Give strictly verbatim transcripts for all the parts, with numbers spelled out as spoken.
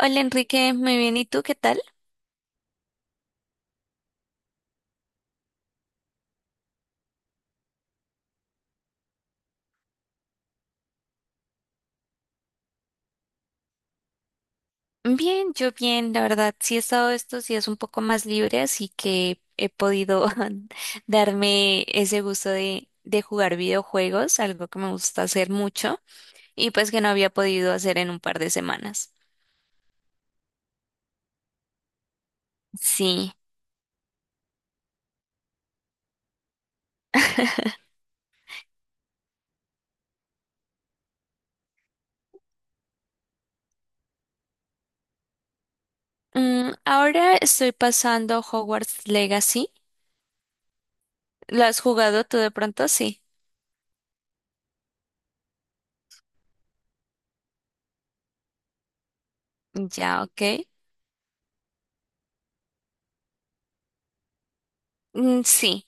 Hola Enrique, muy bien. ¿Y tú qué tal? Bien, yo bien, la verdad, sí he estado estos días un poco más libre, así que he podido darme ese gusto de, de jugar videojuegos, algo que me gusta hacer mucho y pues que no había podido hacer en un par de semanas. Sí. Mm, ahora estoy pasando Hogwarts Legacy. ¿Lo has jugado tú de pronto? Sí. Ya, ok. Mm, sí.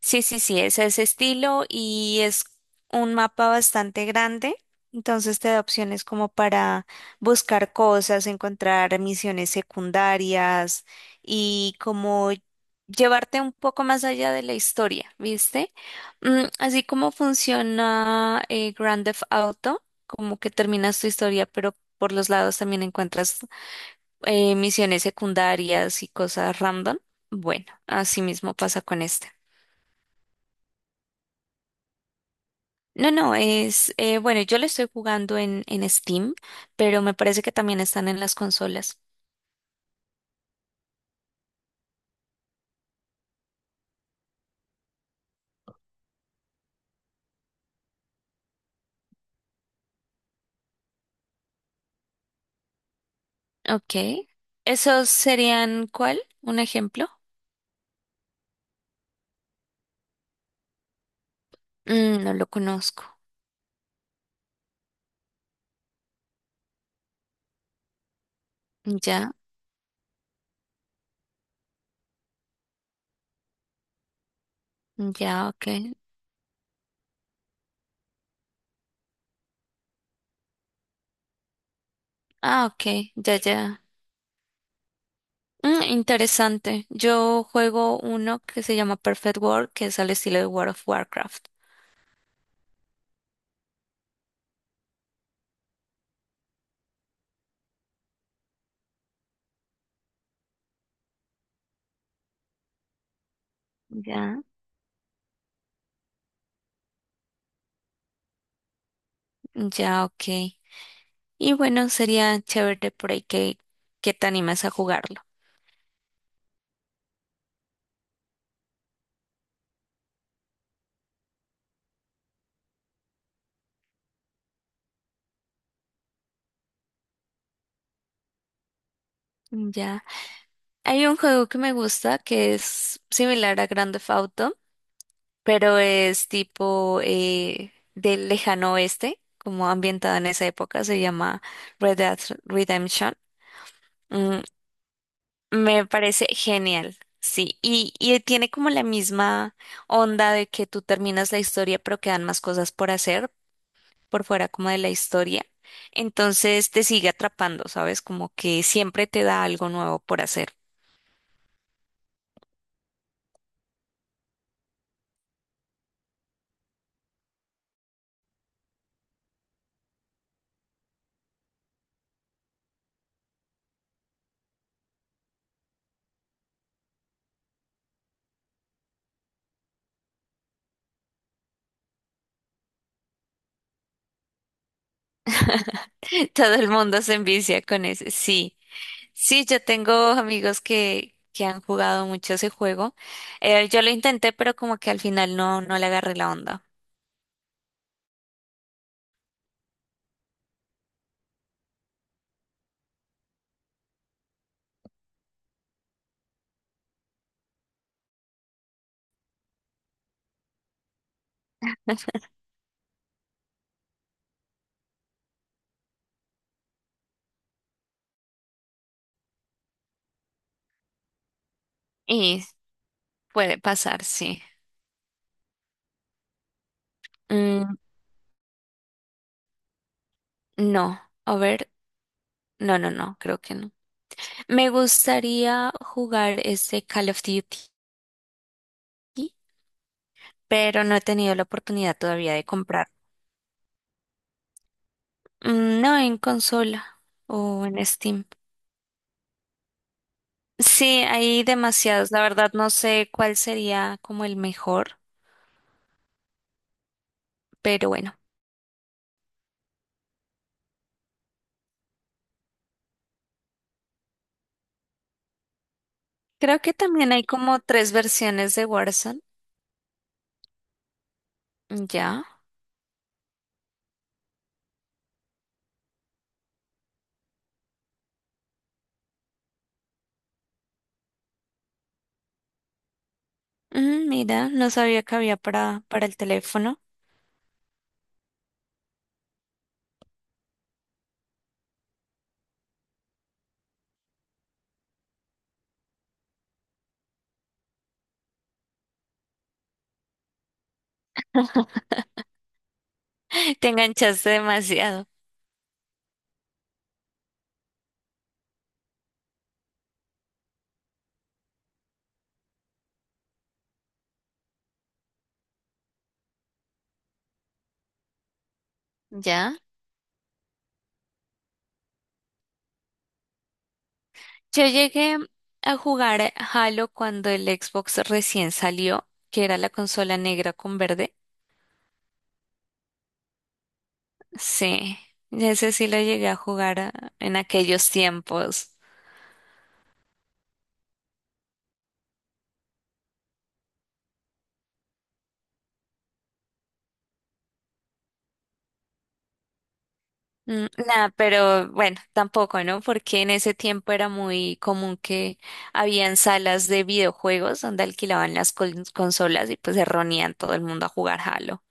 Sí, sí, sí, es ese estilo y es un mapa bastante grande, entonces te da opciones como para buscar cosas, encontrar misiones secundarias y como llevarte un poco más allá de la historia, ¿viste? Mm, así como funciona eh, Grand Theft Auto, como que terminas tu historia, pero por los lados también encuentras eh, misiones secundarias y cosas random. Bueno, así mismo pasa con este. No, no, es, eh, bueno, yo lo estoy jugando en, en Steam, pero me parece que también están en las consolas. Ok. ¿Esos serían cuál? ¿Un ejemplo? Mm, no lo conozco. Ya, ya, ok. Ah, ok, ya, ya. Mm, interesante. Yo juego uno que se llama Perfect World, que es al estilo de World of Warcraft. Ya, ya, ok. Y bueno, sería chévere por ahí que, que te animas a jugarlo. Ya. Hay un juego que me gusta que es similar a Grand Theft Auto, pero es tipo eh, del lejano oeste, como ambientado en esa época, se llama Red Dead Redemption. Mm, Me parece genial, sí. Y, y tiene como la misma onda de que tú terminas la historia, pero quedan más cosas por hacer por fuera como de la historia. Entonces te sigue atrapando, ¿sabes? Como que siempre te da algo nuevo por hacer. Todo el mundo se envicia con ese. Sí, sí, yo tengo amigos que, que han jugado mucho ese juego. Eh, yo lo intenté, pero como que al final no, no le agarré la onda. Y puede pasar, sí. Mm, no, a ver, no, no, no, creo que no. Me gustaría jugar ese Call of Duty, pero no he tenido la oportunidad todavía de comprar. Mm, no en consola o en Steam. Sí, hay demasiados. La verdad no sé cuál sería como el mejor, pero bueno. Creo que también hay como tres versiones de Warzone. Ya. Mm, mira, no sabía que había para, para el teléfono. Te enganchaste demasiado. Ya. Yo llegué a jugar Halo cuando el Xbox recién salió, que era la consola negra con verde. Sí, ese sí lo llegué a jugar ah, en aquellos tiempos. Mm, nada, pero bueno, tampoco, ¿no? Porque en ese tiempo era muy común que habían salas de videojuegos donde alquilaban las cons- consolas y pues se reunían todo el mundo a jugar Halo.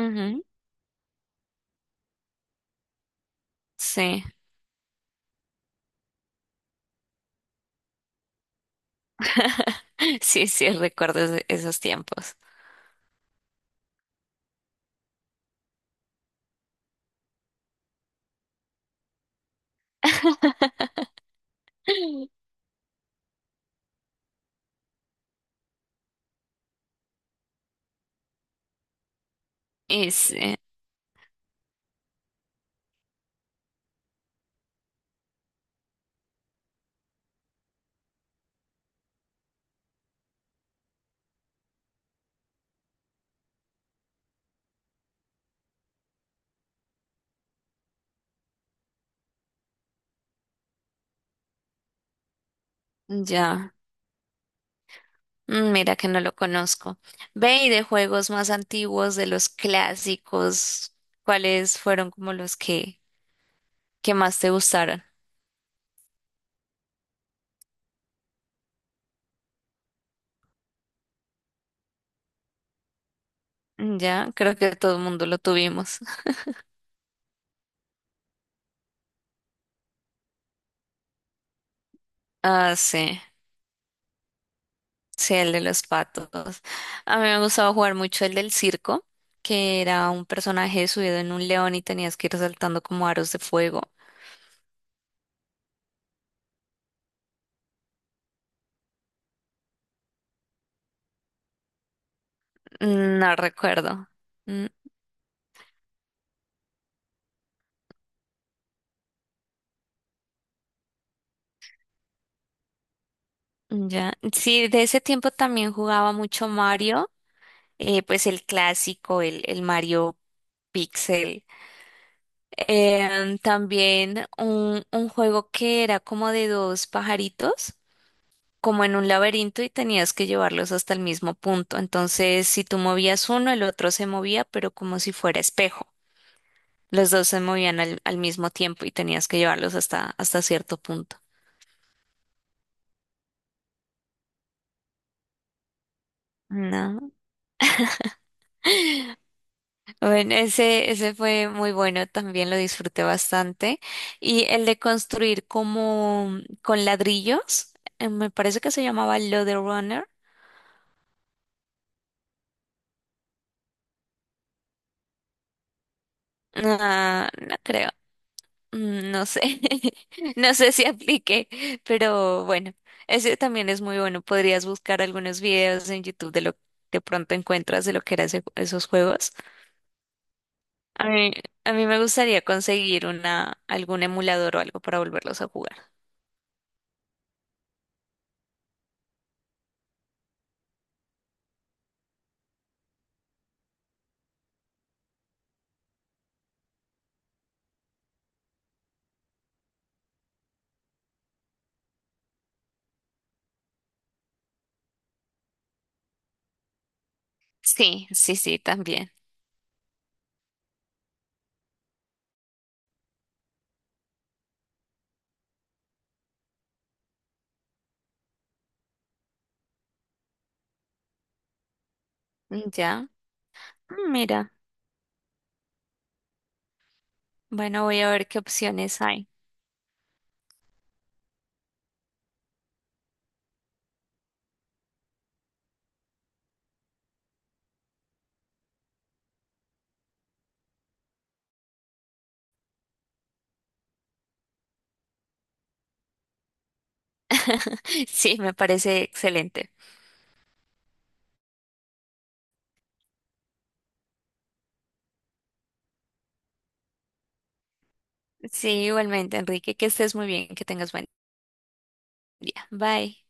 Ujú, sí, sí, sí, recuerdo ese- esos tiempos. Y sí, ya, mm, mira que no lo conozco. Ve y de juegos más antiguos, de los clásicos, ¿cuáles fueron como los que, que más te gustaron? Mm, ya, creo que todo el mundo lo tuvimos. Ah, sí, sí, el de los patos. A mí me gustaba jugar mucho el del circo, que era un personaje subido en un león y tenías que ir saltando como aros de fuego. Mm, no recuerdo. Mm, ya, sí, de ese tiempo también jugaba mucho Mario, eh, pues el clásico, el, el Mario Pixel. Em, también un, un juego que era como de dos pajaritos como en un laberinto y tenías que llevarlos hasta el mismo punto. Entonces, si tú movías uno, el otro se movía, pero como si fuera espejo. Los dos se movían al, al mismo tiempo y tenías que llevarlos hasta, hasta cierto punto. No. Bueno, ese, ese fue muy bueno, también lo disfruté bastante. Y el de construir como con ladrillos, eh, me parece que se llamaba Runner. No, no creo. Mm, no sé, no sé si aplique, pero bueno, ese también es muy bueno. Podrías buscar algunos videos en YouTube de lo que de pronto encuentras de lo que eran ese- esos juegos. A mí, a mí me gustaría conseguir una, algún emulador o algo para volverlos a jugar. Sí, sí, sí, también. Mm, ya, mm, mira, bueno, voy a ver qué opciones hay. Sí, me parece excelente. Sí, igualmente, Enrique, que estés muy bien, que tengas buen día. Bye.